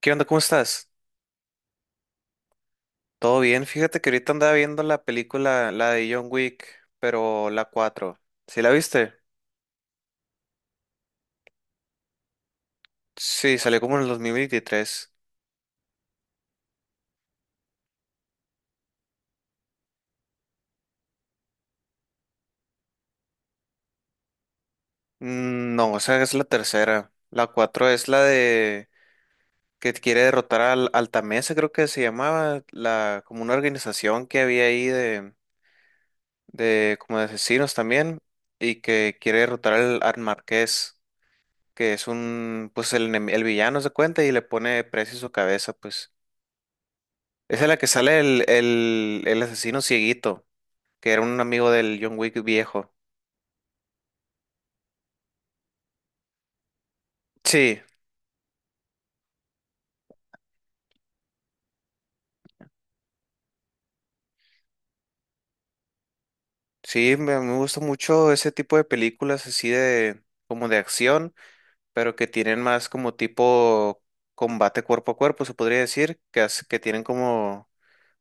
¿Qué onda? ¿Cómo estás? ¿Todo bien? Fíjate que ahorita andaba viendo la película, la de John Wick, pero la 4. ¿Sí la viste? Sí, salió como en el 2023. No, o sea, es la tercera. La 4 es la de que quiere derrotar al Altamesa, creo que se llamaba, la como una organización que había ahí de como de asesinos también y que quiere derrotar al Marqués, que es un pues el, el villano se cuenta y le pone precio a su cabeza, pues. Esa es la que sale el asesino cieguito, que era un amigo del John Wick viejo. Sí, sí, me gusta mucho ese tipo de películas así de como de acción, pero que tienen más como tipo combate cuerpo a cuerpo, se podría decir, que tienen como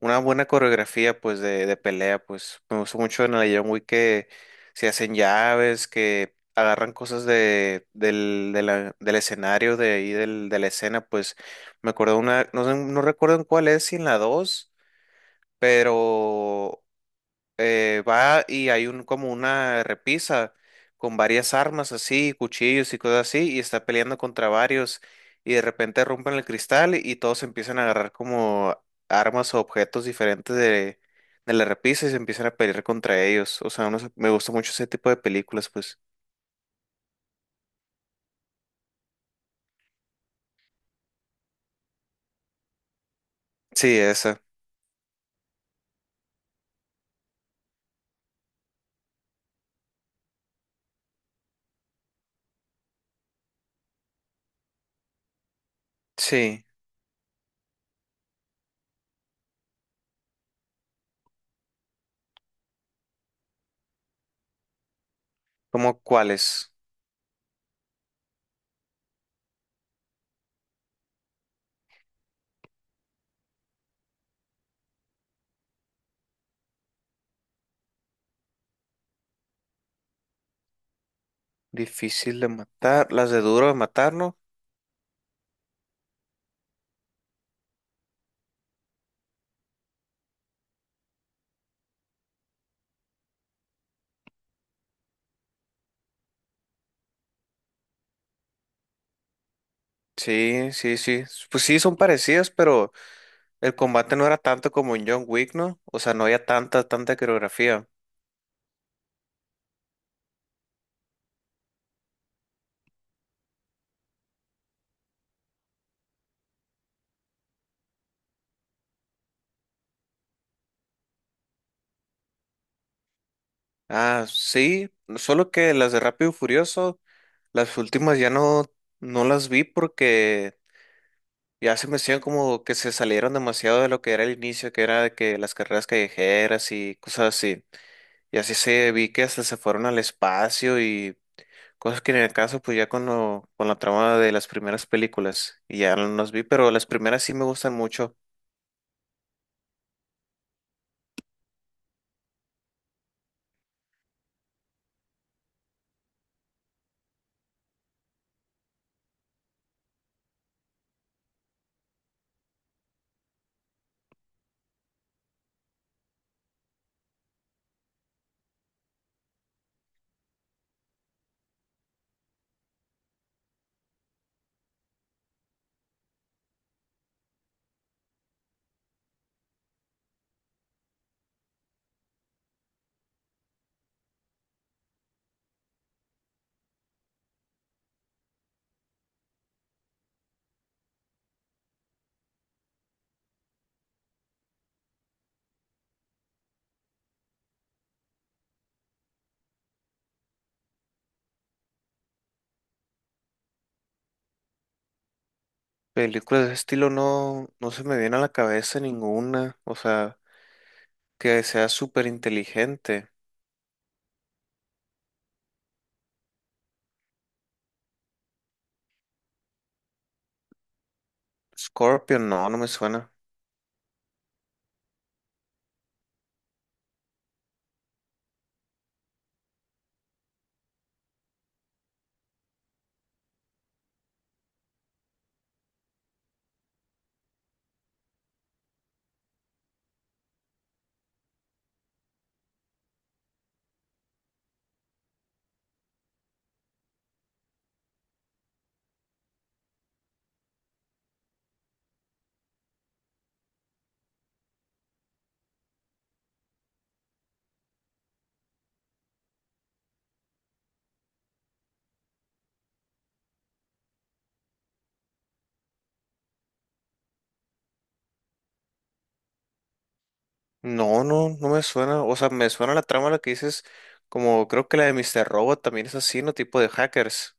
una buena coreografía, pues, de pelea, pues, me gustó mucho en el John Wick que se hacen llaves, que agarran cosas de, del, de la- del escenario, de ahí, de la escena, pues, me acuerdo una, no sé, no recuerdo en cuál es, si en la dos, pero va y hay un como una repisa con varias armas así, cuchillos y cosas así, y está peleando contra varios, y de repente rompen el cristal y todos empiezan a agarrar como armas o objetos diferentes de la repisa y se empiezan a pelear contra ellos. O sea, no sé, me gusta mucho ese tipo de películas, pues. Sí, esa. Sí. ¿Cómo cuáles? Difícil de matar, las de Duro de Matar, ¿no? Sí, sí, sí. Pues sí, son parecidas, pero el combate no era tanto como en John Wick, ¿no? O sea, no había tanta, tanta coreografía. Ah, sí, solo que las de Rápido y Furioso, las últimas ya no, no las vi porque ya se me hacían como que se salieron demasiado de lo que era el inicio, que era de que las carreras callejeras y cosas así. Y así se vi que hasta se fueron al espacio y cosas que en el caso, pues ya con con la trama de las primeras películas, y ya no las vi, pero las primeras sí me gustan mucho. Películas de ese estilo no, no se me viene a la cabeza ninguna. O sea, que sea súper inteligente. Scorpion, no, no me suena. No, no, no me suena. O sea, me suena la trama la que dices, como creo que la de Mr. Robot también es así, ¿no? Tipo de hackers.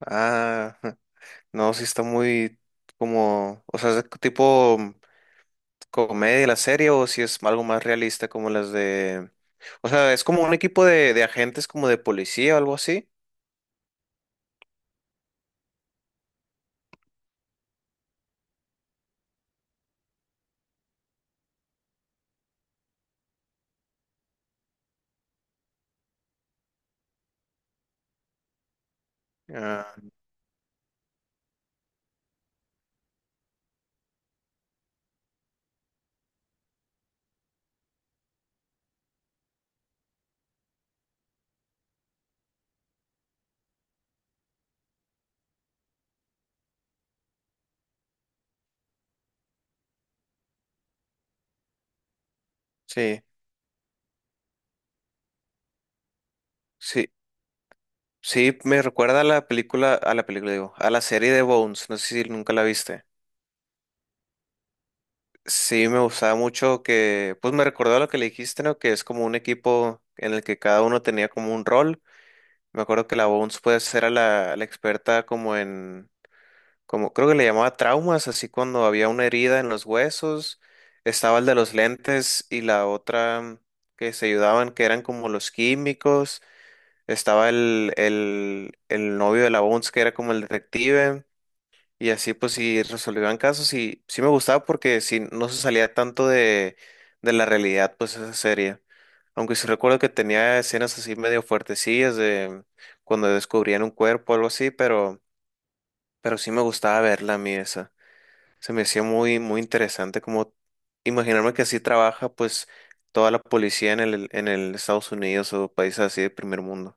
Ah, no, si está muy como, o sea, es de tipo comedia la serie, o si es algo más realista como las de... O sea, es como un equipo de agentes como de policía o algo así. Ah, sí. Sí, sí, me recuerda a la película, digo, a la serie de Bones, no sé si nunca la viste. Sí, me gustaba mucho que, pues me recordó a lo que le dijiste, ¿no? Que es como un equipo en el que cada uno tenía como un rol. Me acuerdo que la Bones puede ser a la experta como en, como creo que le llamaba traumas, así cuando había una herida en los huesos. Estaba el de los lentes y la otra que se ayudaban, que eran como los químicos. Estaba el novio de la Bones, que era como el detective. Y así pues sí resolvían casos y sí me gustaba porque sí no se salía tanto de la realidad pues esa serie. Aunque sí recuerdo que tenía escenas así medio fuertecillas de cuando descubrían un cuerpo o algo así, pero sí me gustaba verla a mí esa. Se me hacía muy, muy interesante como imaginarme que así trabaja pues toda la policía en en el Estados Unidos o países así de primer mundo.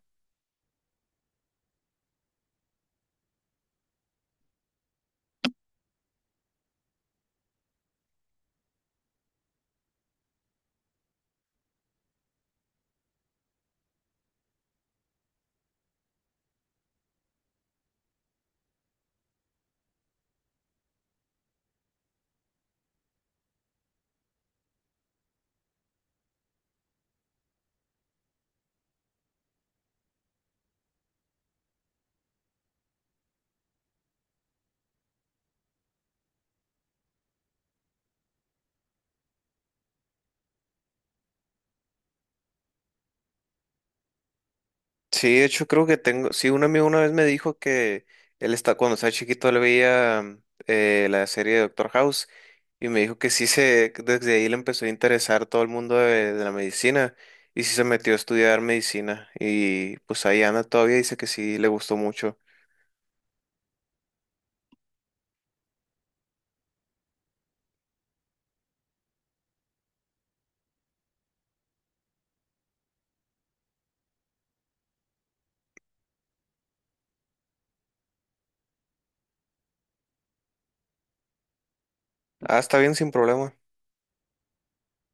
Sí, de hecho creo que tengo, sí, un amigo una vez me dijo que él está, cuando estaba chiquito, él veía la serie de Doctor House y me dijo que sí se, que desde ahí le empezó a interesar todo el mundo de la medicina y sí se metió a estudiar medicina y pues ahí anda todavía, dice que sí le gustó mucho. Ah, está bien, sin problema.